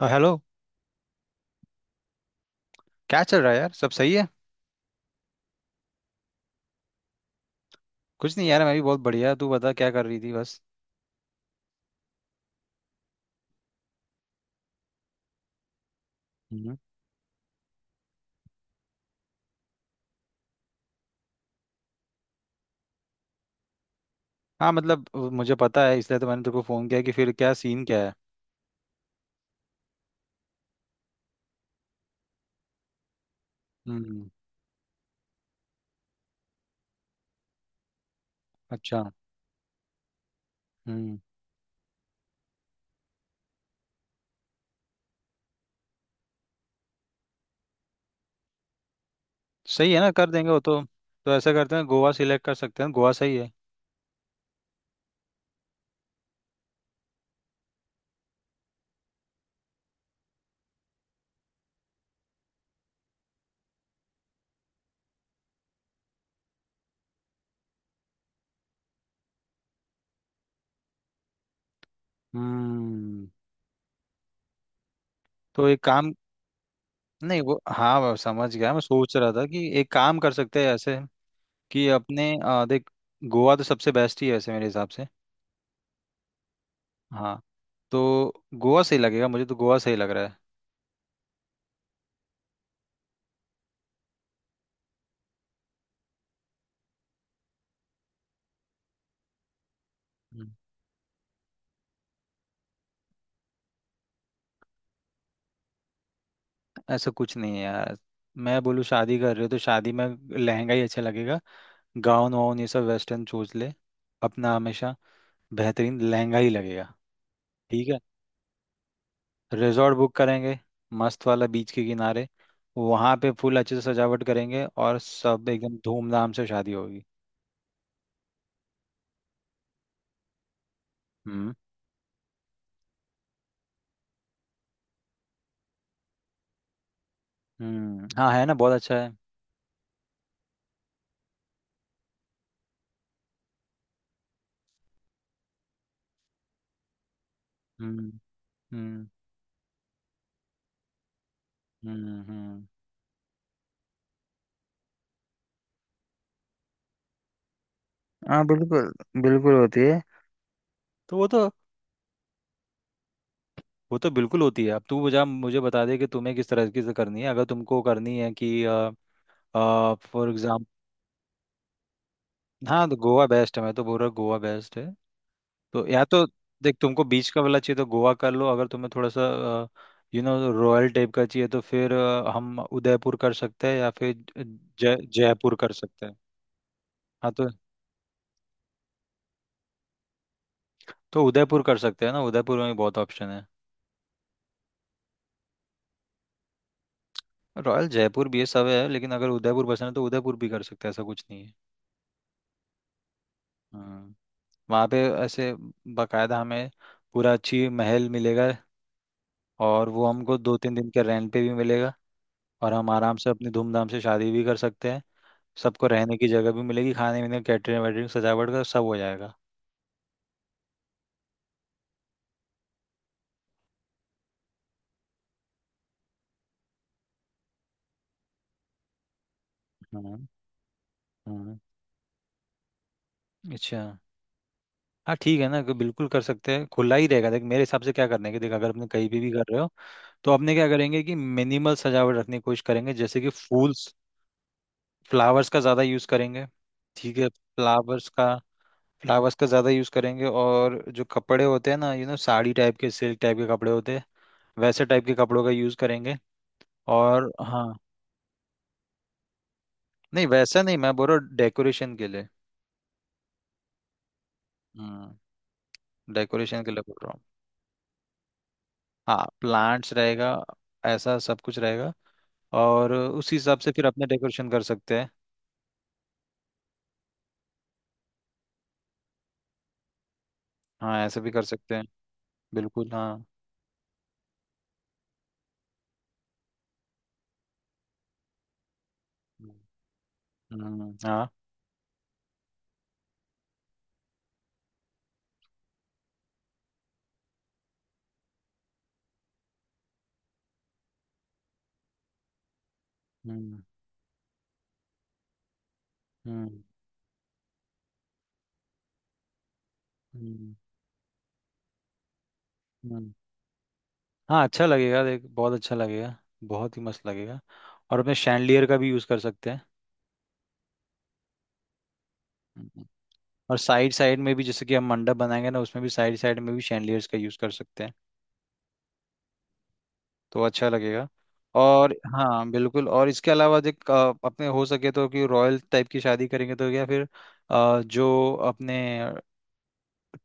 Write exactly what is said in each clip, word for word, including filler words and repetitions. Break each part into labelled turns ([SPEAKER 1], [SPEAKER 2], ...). [SPEAKER 1] अ, hello. क्या चल रहा है यार? सब सही है? कुछ नहीं यार, मैं भी बहुत बढ़िया। तू बता, क्या कर रही थी? बस। हम्म। हाँ मतलब अ, मुझे पता है, इसलिए तो मैंने तेरे को फ़ोन किया कि फिर क्या सीन क्या है। हम्म। अच्छा। हम्म। सही है, ना कर देंगे वो तो। तो ऐसा करते हैं, गोवा सिलेक्ट कर सकते हैं। गोवा सही है। हम्म, तो एक काम। नहीं वो, हाँ, वो समझ गया। मैं सोच रहा था कि एक काम कर सकते हैं ऐसे, कि अपने, अ, देख, गोवा तो सबसे बेस्ट ही है ऐसे मेरे हिसाब से। हाँ। तो गोवा सही लगेगा, मुझे तो गोवा सही लग रहा है। ऐसा कुछ नहीं है यार। मैं बोलूँ, शादी कर रहे हो तो शादी में लहंगा ही अच्छा लगेगा। गाउन वाउन ये सब वेस्टर्न, चूज ले अपना। हमेशा बेहतरीन लहंगा ही लगेगा। ठीक है। रिजॉर्ट बुक करेंगे, मस्त वाला बीच के किनारे। वहाँ पे फुल अच्छे से सजावट करेंगे, और सब एकदम धूमधाम से शादी होगी। हम्म। हम्म। हाँ, है ना, बहुत अच्छा है। हम्म। हम्म। हम्म। हम्म। हाँ बिल्कुल। बिल्कुल होती है। तो वो तो, वो तो बिल्कुल होती है। अब तू मुझे मुझे बता दे कि तुम्हें किस तरह की से करनी है, अगर तुमको करनी है कि फॉर एग्जाम्पल। हाँ तो गोवा बेस्ट है, मैं तो बोल रहा हूँ गोवा बेस्ट है। तो या तो देख, तुमको बीच का वाला चाहिए तो गोवा कर लो, अगर तुम्हें थोड़ा सा यू नो रॉयल टाइप का चाहिए तो फिर अ, हम उदयपुर कर सकते हैं या फिर जय जयपुर कर सकते हैं। हाँ, तो तो उदयपुर कर सकते हैं ना, उदयपुर में भी बहुत ऑप्शन है। रॉयल जयपुर भी है, सब है, लेकिन अगर उदयपुर पसंद है तो उदयपुर भी कर सकते हैं, ऐसा कुछ नहीं है। हाँ। वहाँ पे ऐसे बकायदा हमें पूरा अच्छी महल मिलेगा, और वो हमको दो तीन दिन के रेंट पे भी मिलेगा। और हम आराम से अपनी धूमधाम से शादी भी कर सकते हैं। सबको रहने की जगह भी मिलेगी, खाने पीने कैटरिंग वैटरिंग सजावट का सब हो जाएगा। हाँ। हाँ। अच्छा। हाँ ठीक है ना, कि बिल्कुल कर सकते हैं, खुला ही रहेगा। देख, मेरे हिसाब से क्या करने की, देख, अगर अपने कहीं भी भी कर रहे हो, तो अपने क्या करेंगे कि मिनिमल सजावट रखने की कोशिश करेंगे, जैसे कि फूल्स, फ्लावर्स का ज़्यादा यूज़ करेंगे। ठीक है, फ्लावर्स का, फ्लावर्स का ज़्यादा यूज़ करेंगे। और जो कपड़े होते हैं ना, यू नो साड़ी टाइप के सिल्क टाइप के कपड़े होते हैं, वैसे टाइप के कपड़ों का यूज़ करेंगे। और हाँ, नहीं वैसा नहीं, मैं बोल रहा हूँ डेकोरेशन के लिए। हम्म। डेकोरेशन के लिए बोल रहा हूँ। हाँ प्लांट्स रहेगा, ऐसा सब कुछ रहेगा, और उसी हिसाब से फिर अपने डेकोरेशन कर सकते हैं। हाँ, ऐसे भी कर सकते हैं। बिल्कुल हाँ। हम्म। हम्म, हाँ। हम्म। हम्म। हम्म। हम्म। हाँ, अच्छा लगेगा देख, बहुत अच्छा लगेगा, बहुत ही मस्त लगेगा। और अपने शैंडलियर का भी यूज़ कर सकते हैं। हम्म। और साइड साइड में भी, जैसे कि हम मंडप बनाएंगे ना, उसमें भी साइड साइड में भी शैंडलियर्स का यूज़ कर सकते हैं, तो अच्छा लगेगा। और हाँ बिल्कुल। और इसके अलावा देख, अ, अपने हो सके तो कि रॉयल टाइप की शादी करेंगे, तो या फिर अ, जो अपने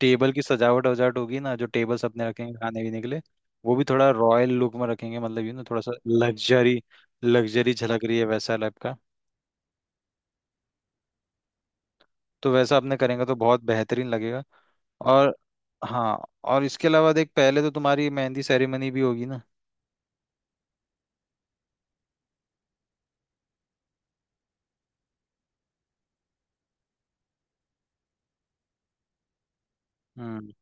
[SPEAKER 1] टेबल की सजावट वजावट होगी ना, जो टेबल्स अपने रखेंगे खाने पीने के लिए, वो भी थोड़ा रॉयल लुक में रखेंगे, मतलब यू ना थोड़ा सा लग्जरी, लग्जरी झलक रही है वैसा टाइप का। तो वैसा आपने करेंगे तो बहुत बेहतरीन लगेगा। और हाँ, और इसके अलावा देख, पहले तो तुम्हारी मेहंदी सेरेमनी भी होगी ना। हम्म।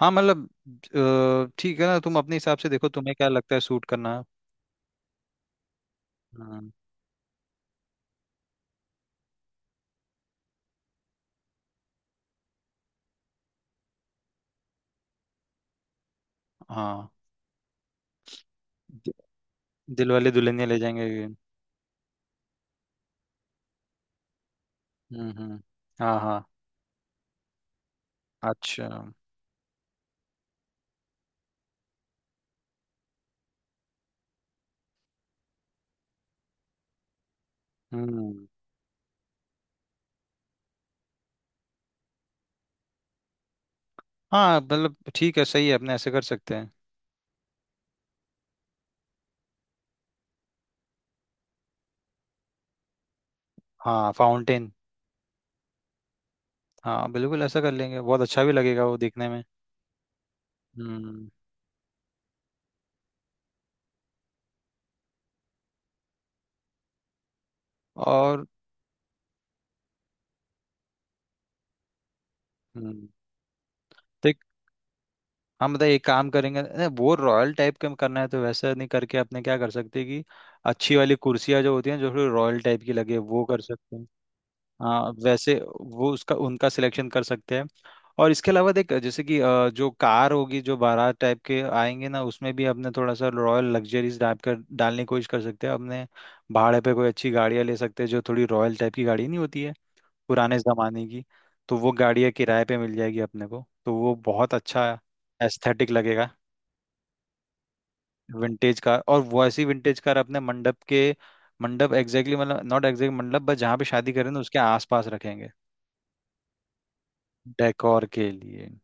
[SPEAKER 1] हाँ मतलब अ, ठीक है ना, तुम अपने हिसाब से देखो, तुम्हें क्या लगता है सूट करना। हम्म। हाँ, दि, दिल वाले दुल्हनिया ले जाएंगे। हम्म। हम्म। हाँ। हाँ। अच्छा। हम्म, हाँ मतलब ठीक है, सही है, अपने ऐसे कर सकते हैं। हाँ फाउंटेन। हाँ बिल्कुल, ऐसा कर लेंगे, बहुत अच्छा भी लगेगा वो देखने में। हम्म। और। हम्म। हम बताइए, एक काम करेंगे नहीं, वो रॉयल टाइप का करना है तो वैसा नहीं करके अपने क्या कर सकते कि अच्छी वाली कुर्सियाँ जो होती हैं, जो थोड़ी रॉयल टाइप की लगे, वो कर सकते हैं। हाँ वैसे, वो उसका उनका सिलेक्शन कर सकते हैं। और इसके अलावा देख, जैसे कि अ, जो कार होगी, जो बारात टाइप के आएंगे ना, उसमें भी अपने थोड़ा सा रॉयल लग्जरीज टाइप का डालने की कोशिश कर सकते हैं अपने। भाड़े पे कोई अच्छी गाड़ियाँ ले सकते हैं, जो थोड़ी रॉयल टाइप की गाड़ी नहीं होती है, पुराने ज़माने की, तो वो गाड़ियाँ किराए पे मिल जाएगी अपने को, तो वो बहुत अच्छा एस्थेटिक लगेगा। विंटेज कार, और वैसी विंटेज कार अपने मंडप के, मंडप एग्जैक्टली, मतलब नॉट एग्जैक्ट मंडप, बस जहाँ पे शादी करें ना उसके आसपास रखेंगे। डेकोर के लिए तो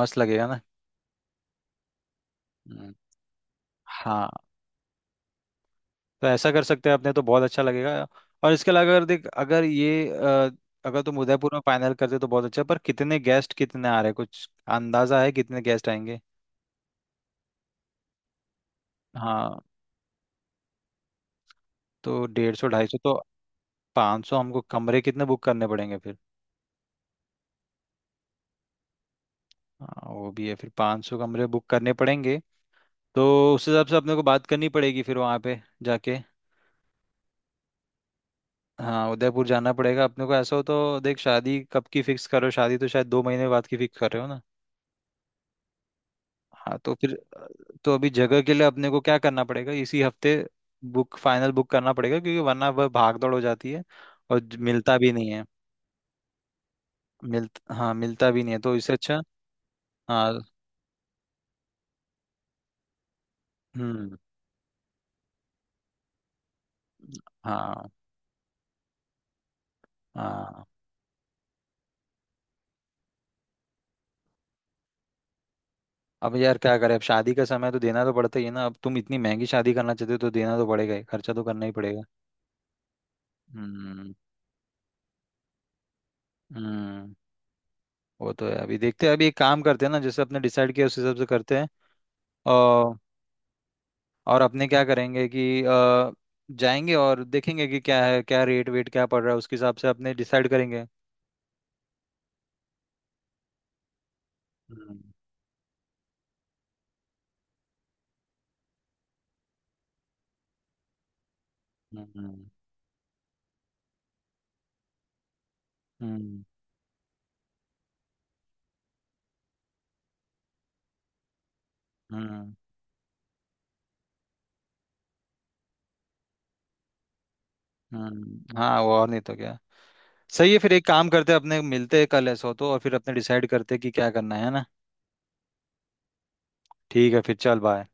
[SPEAKER 1] मस्त लगेगा ना। हम्म। हाँ, तो ऐसा कर सकते हैं अपने, तो बहुत अच्छा लगेगा। और इसके अलावा अगर देख, अगर ये अ, अगर तुम उदयपुर में फाइनल करते तो बहुत अच्छा, पर कितने गेस्ट कितने आ रहे हैं? कुछ अंदाजा है कितने गेस्ट आएंगे? हाँ। तो डेढ़ सौ ढाई सौ तो, पाँच सौ हमको कमरे कितने बुक करने पड़ेंगे फिर? हाँ वो भी है, फिर पाँच सौ कमरे बुक करने पड़ेंगे। तो उस हिसाब से अपने को बात करनी पड़ेगी, फिर वहाँ पे जाके। हाँ, उदयपुर जाना पड़ेगा अपने को, ऐसा हो तो देख, शादी कब की फिक्स करो? शादी तो शायद दो महीने बाद की फिक्स कर रहे हो ना? हाँ तो फिर अ, तो अभी जगह के लिए अपने को क्या करना पड़ेगा, इसी हफ्ते बुक फाइनल बुक करना पड़ेगा, क्योंकि वरना वह भाग दौड़ हो जाती है, और ज- मिलता भी नहीं है। मिल हाँ, मिलता भी नहीं है, तो इससे अच्छा। हाँ। हम्म। हाँ। हाँ। अब यार क्या करें, अब शादी का समय है, तो देना तो पड़ता ही है ना। अब तुम इतनी महंगी शादी करना चाहते हो, तो देना तो पड़ेगा ही, खर्चा तो करना ही पड़ेगा। हम्म। हम्म। वो तो है, अभी देखते हैं, अभी एक काम करते हैं ना, जैसे अपने डिसाइड किया उस हिसाब से करते हैं। और और अपने क्या करेंगे कि अ, जाएंगे और देखेंगे कि क्या है, क्या रेट वेट क्या पड़ रहा है, उसके हिसाब से अपने डिसाइड करेंगे। हम्म। हम्म। हम्म। हम्म। हम्म, हाँ वो, और नहीं तो क्या। सही है, फिर एक काम करते हैं, अपने मिलते हैं कल ऐसा हो तो, और फिर अपने डिसाइड करते हैं कि क्या करना है ना। ठीक है, फिर चल, बाय।